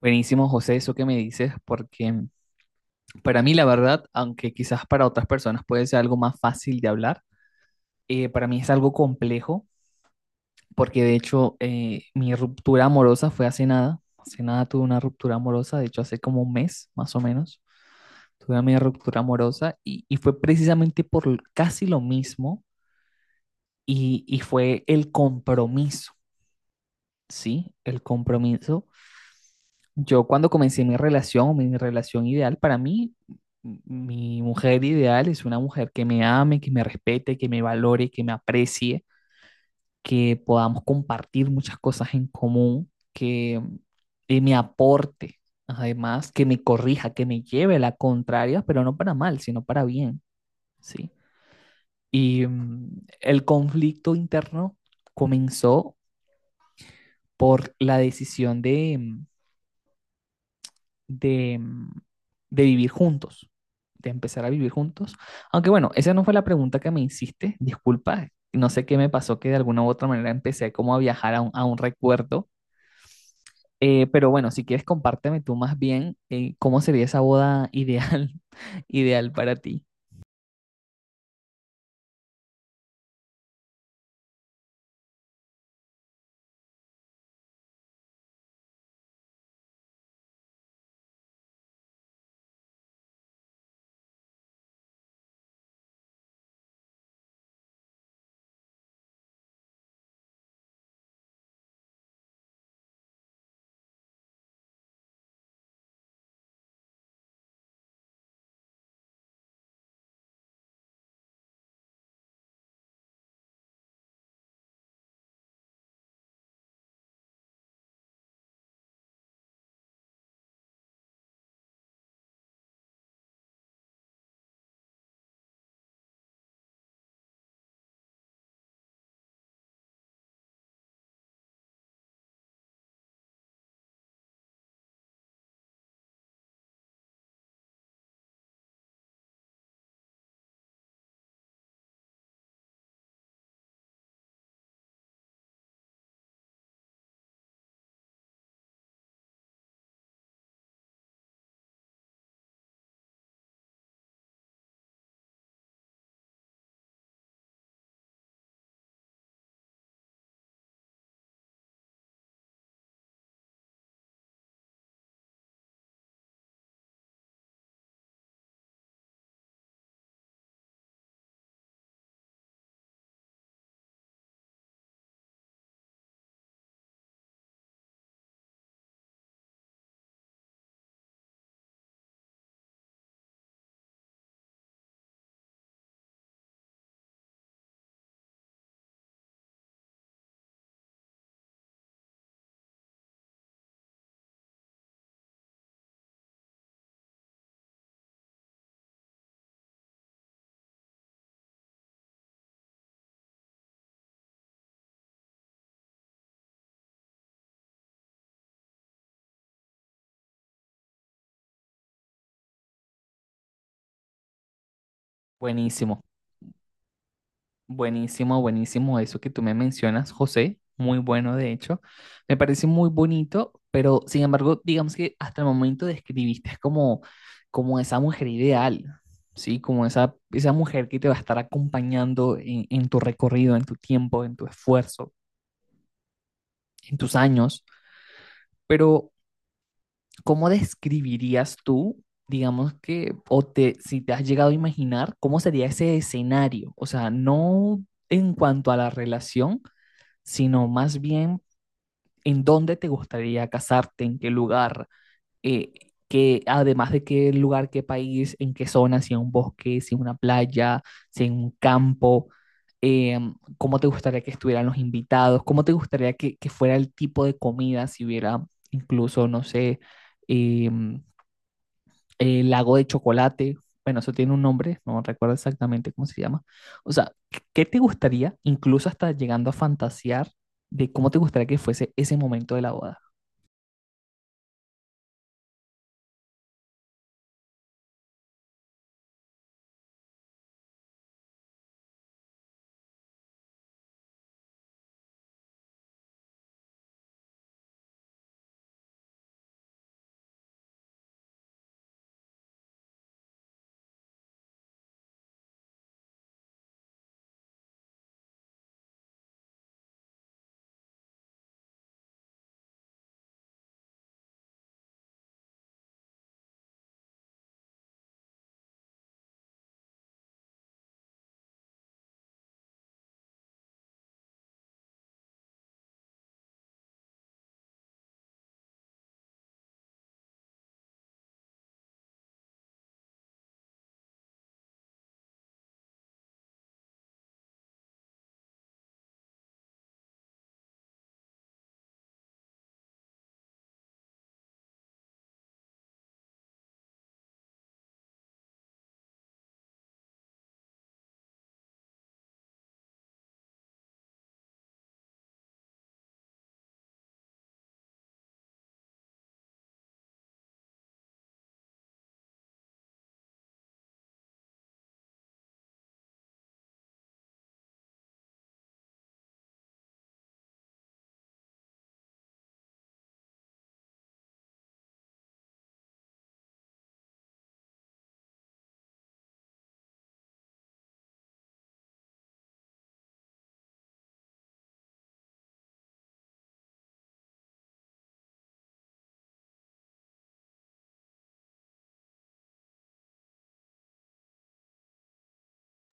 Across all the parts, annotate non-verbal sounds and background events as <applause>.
Buenísimo, José, eso que me dices, porque para mí la verdad, aunque quizás para otras personas puede ser algo más fácil de hablar, para mí es algo complejo, porque de hecho mi ruptura amorosa fue hace nada tuve una ruptura amorosa, de hecho hace como un mes más o menos, tuve mi ruptura amorosa y fue precisamente por casi lo mismo y fue el compromiso, ¿sí? El compromiso. Yo cuando comencé mi relación ideal, para mí, mi mujer ideal es una mujer que me ame, que me respete, que me valore, que me aprecie, que podamos compartir muchas cosas en común, que me aporte, además, que me corrija, que me lleve la contraria, pero no para mal, sino para bien, ¿sí? Y el conflicto interno comenzó por la decisión de... de, mm, de vivir juntos, de empezar a vivir juntos. Aunque bueno, esa no fue la pregunta que me hiciste, disculpa, no sé qué me pasó que de alguna u otra manera empecé como a viajar a a un recuerdo. Pero bueno, si quieres compárteme tú más bien cómo sería esa boda ideal, <laughs> ideal para ti. Buenísimo. Buenísimo, buenísimo eso que tú me mencionas, José. Muy bueno, de hecho. Me parece muy bonito, pero sin embargo, digamos que hasta el momento describiste como, como esa mujer ideal, ¿sí? Como esa mujer que te va a estar acompañando en tu recorrido, en tu tiempo, en tu esfuerzo, en tus años. Pero, ¿cómo describirías tú, digamos que, o te, si te has llegado a imaginar, cómo sería ese escenario? O sea, no en cuanto a la relación sino más bien en dónde te gustaría casarte, en qué lugar, eh, que además de qué lugar, qué país, en qué zona, si en un bosque, si en una playa, si en un campo, eh, cómo te gustaría que estuvieran los invitados, cómo te gustaría que fuera el tipo de comida, si hubiera incluso, no sé, em, lago de chocolate, bueno, eso tiene un nombre, no recuerdo exactamente cómo se llama. O sea, ¿qué te gustaría, incluso hasta llegando a fantasear, de cómo te gustaría que fuese ese momento de la boda?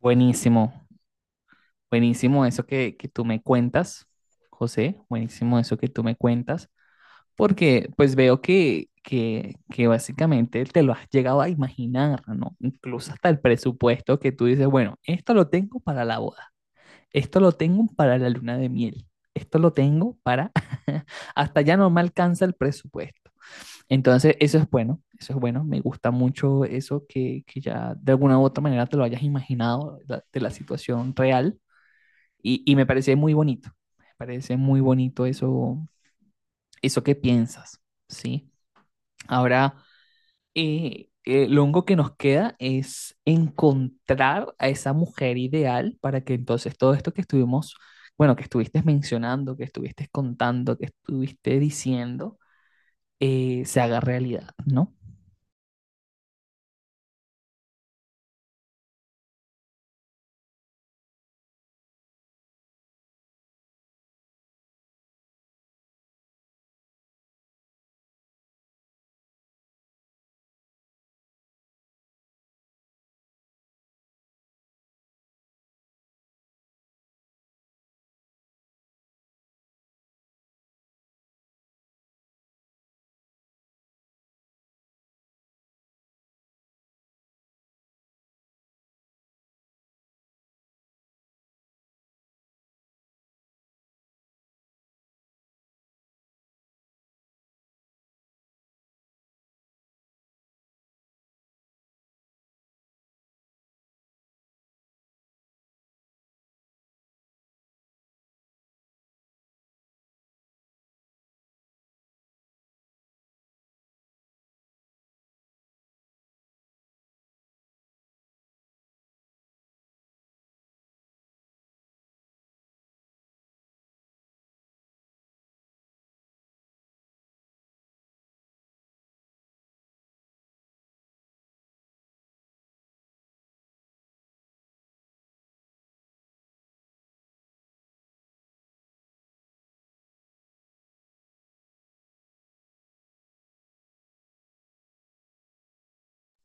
Buenísimo, buenísimo eso que tú me cuentas, José, buenísimo eso que tú me cuentas, porque pues veo que básicamente te lo has llegado a imaginar, ¿no? Incluso hasta el presupuesto que tú dices, bueno, esto lo tengo para la boda. Esto lo tengo para la luna de miel. Esto lo tengo para... <laughs> Hasta ya no me alcanza el presupuesto. Entonces, eso es bueno, eso es bueno. Me gusta mucho eso que ya de alguna u otra manera te lo hayas imaginado de la situación real y me parece muy bonito. Me parece muy bonito eso, eso que piensas, ¿sí? Ahora, lo único que nos queda es encontrar a esa mujer ideal para que entonces todo esto que estuvimos, bueno, que estuviste mencionando, que estuviste contando, que estuviste diciendo, se haga realidad, ¿no?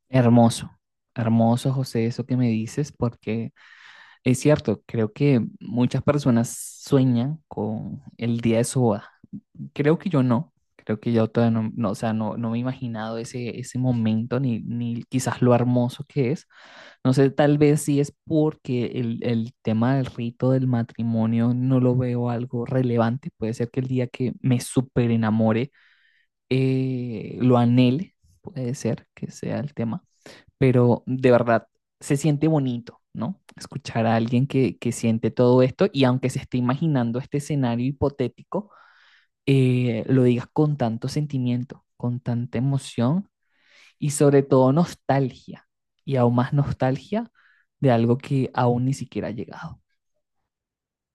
Hermoso, hermoso, José, eso que me dices, porque es cierto, creo que muchas personas sueñan con el día de su boda. Creo que yo no, creo que yo todavía no, no, o sea, no, no me he imaginado ese momento ni quizás lo hermoso que es. No sé, tal vez sí es porque el tema del rito del matrimonio no lo veo algo relevante. Puede ser que el día que me super enamore lo anhele, puede ser que sea el tema, pero de verdad se siente bonito, ¿no? Escuchar a alguien que siente todo esto y aunque se esté imaginando este escenario hipotético lo digas con tanto sentimiento, con tanta emoción y sobre todo nostalgia, y aún más nostalgia de algo que aún ni siquiera ha llegado.